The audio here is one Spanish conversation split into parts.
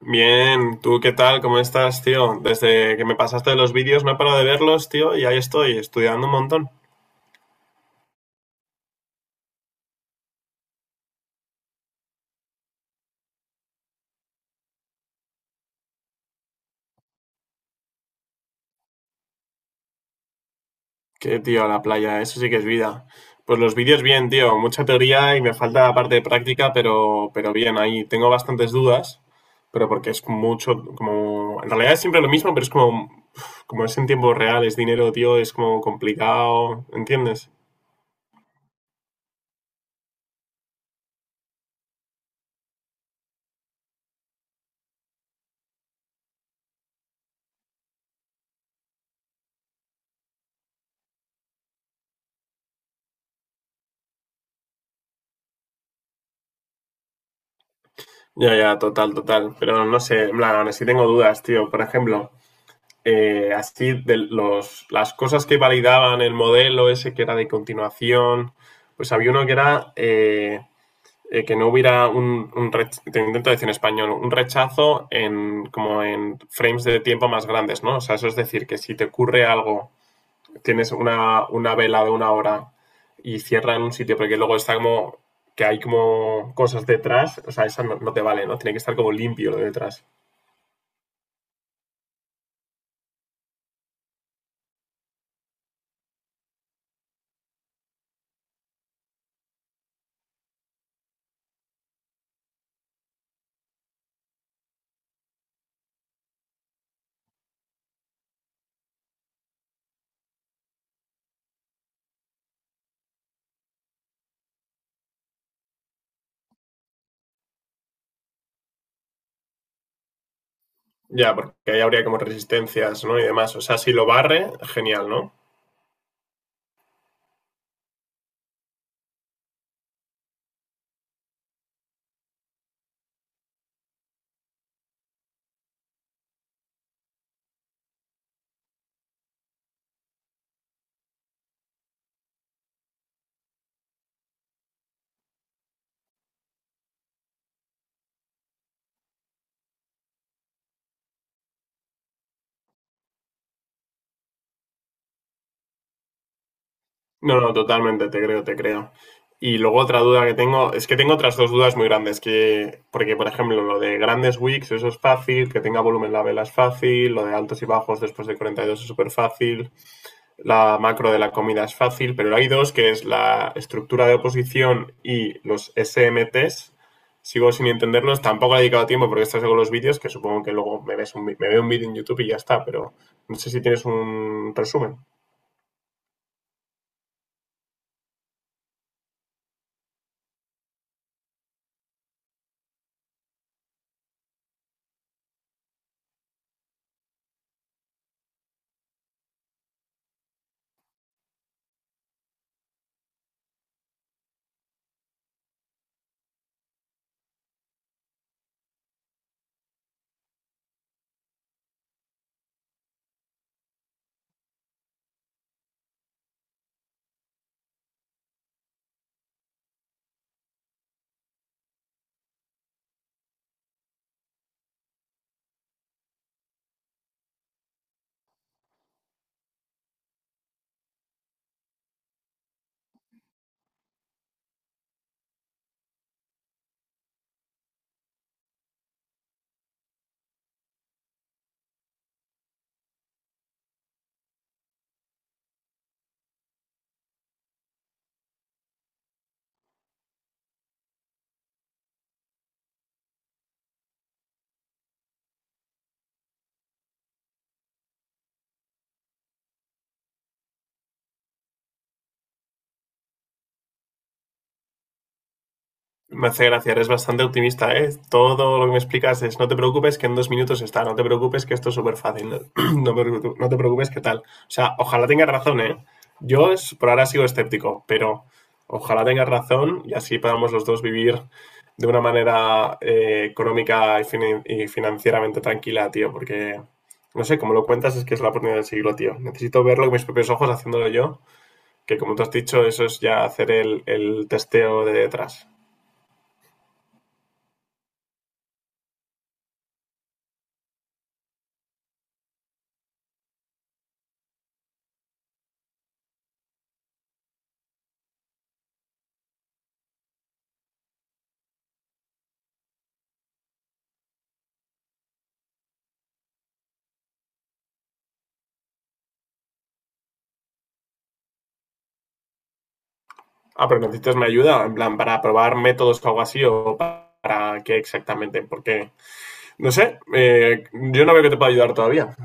Bien, ¿tú qué tal? ¿Cómo estás, tío? Desde que me pasaste los vídeos no he parado de verlos, tío, y ahí estoy, estudiando un montón. Qué tío, la playa, eso sí que es vida. Pues los vídeos bien, tío, mucha teoría y me falta la parte de práctica, pero bien, ahí tengo bastantes dudas, pero porque es mucho, como, en realidad es siempre lo mismo, pero es como, como es en tiempo real, es dinero, tío, es como complicado, ¿entiendes? Ya, ya, total, total, pero no sé, en plan, aún así tengo dudas, tío, por ejemplo. Las cosas que validaban el modelo ese que era de continuación, pues había uno que era que no hubiera un te intento decir en español, un rechazo en como en frames de tiempo más grandes, ¿no? O sea, eso es decir, que si te ocurre algo, tienes una vela de 1 hora y cierra en un sitio, porque luego está como que hay como cosas detrás, o sea, esa no te vale, ¿no? Tiene que estar como limpio lo de detrás. Ya, porque ahí habría como resistencias, ¿no? Y demás. O sea, si lo barre, genial, ¿no? No, no, totalmente, te creo, te creo. Y luego otra duda que tengo, es que tengo otras dos dudas muy grandes, que, porque por ejemplo lo de grandes wicks, eso es fácil, que tenga volumen la vela es fácil, lo de altos y bajos después de 42 es súper fácil, la macro de la comida es fácil, pero hay dos, que es la estructura de oposición y los SMTs. Sigo sin entenderlos, tampoco he dedicado tiempo porque estás con los vídeos, que supongo que luego me veo un vídeo en YouTube y ya está, pero no sé si tienes un resumen. Me hace gracia, eres bastante optimista, ¿eh? Todo lo que me explicas es, no te preocupes que en 2 minutos está, no te preocupes que esto es súper fácil, no, no te preocupes que tal. O sea, ojalá tengas razón, ¿eh? Por ahora sigo escéptico, pero ojalá tengas razón y así podamos los dos vivir de una manera económica y financieramente tranquila, tío, porque, no sé, como lo cuentas es que es la oportunidad del siglo, tío. Necesito verlo con mis propios ojos haciéndolo yo, que como tú has dicho, eso es ya hacer el testeo de detrás. Ah, pero necesitas mi ayuda, en plan, para probar métodos o algo así, para qué exactamente, porque, no sé, yo no veo que te pueda ayudar todavía.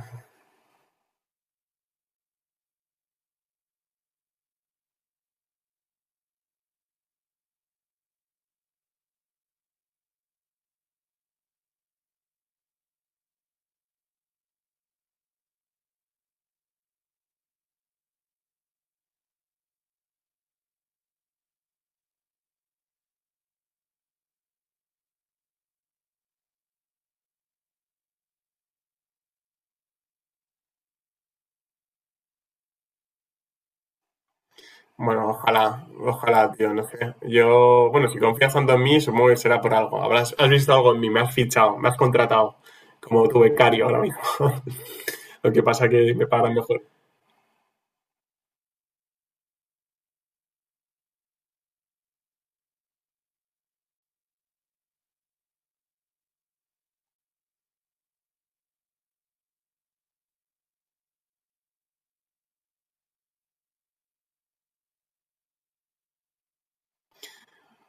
Bueno, ojalá, ojalá, tío, no sé. Yo, bueno, si confías tanto en mí, supongo que será por algo. Habrás, has visto algo en mí, me has fichado, me has contratado como tu becario ahora mismo. Lo que pasa que me pagan mejor.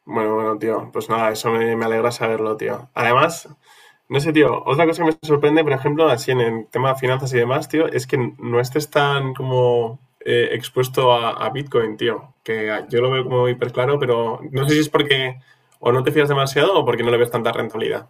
Bueno, bueno, tío, pues nada, me alegra saberlo, tío. Además, no sé, tío, otra cosa que me sorprende, por ejemplo, así en el tema de finanzas y demás, tío, es que no estés tan como expuesto a Bitcoin, tío. Yo lo veo como hiper claro, pero no sé si es porque o no te fías demasiado o porque no le ves tanta rentabilidad.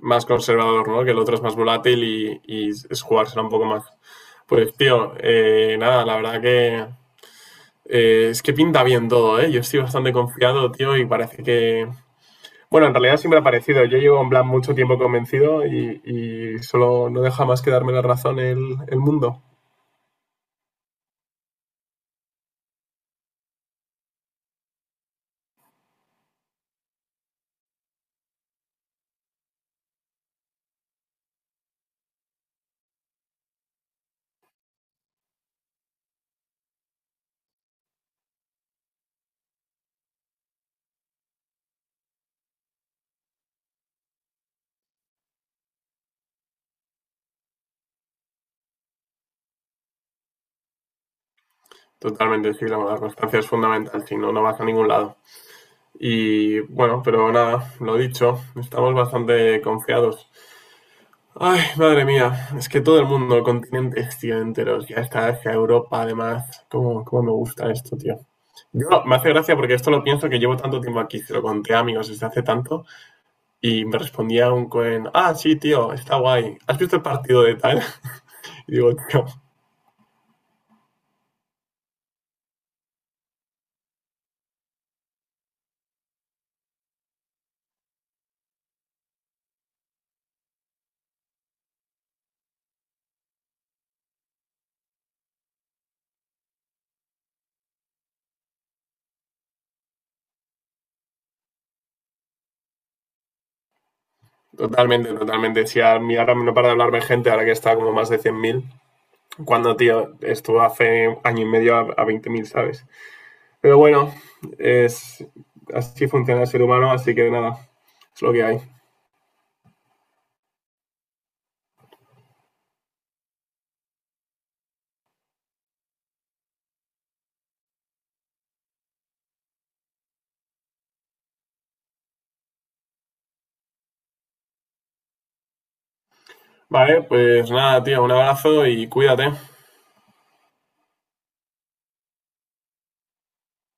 Más conservador, ¿no? Que el otro es más volátil y es jugársela un poco más. Pues, tío, nada, la verdad que es que pinta bien todo, ¿eh? Yo estoy bastante confiado, tío, y parece que, bueno, en realidad siempre ha parecido. Yo llevo en plan mucho tiempo convencido y solo no deja más que darme la razón el mundo. Totalmente, sí, la constancia es fundamental, si no, no vas a ningún lado. Y bueno, pero nada, lo dicho, estamos bastante confiados. Ay, madre mía, es que todo el mundo, el continente, tío, enteros, ya está hacia Europa, además, cómo, cómo me gusta esto, tío. Yo, me hace gracia porque esto lo pienso que llevo tanto tiempo aquí, se lo conté a amigos desde hace tanto, y me respondía un cohen, ah, sí, tío, está guay. ¿Has visto el partido de tal? Y digo, tío, totalmente, totalmente. Si a mí ahora no para de hablarme gente, ahora que está como más de 100.000 cuando, tío, estuvo hace año y medio a 20.000, ¿sabes? Pero bueno, es, así funciona el ser humano, así que nada, es lo que hay. Vale, pues nada, tío, un abrazo y cuídate.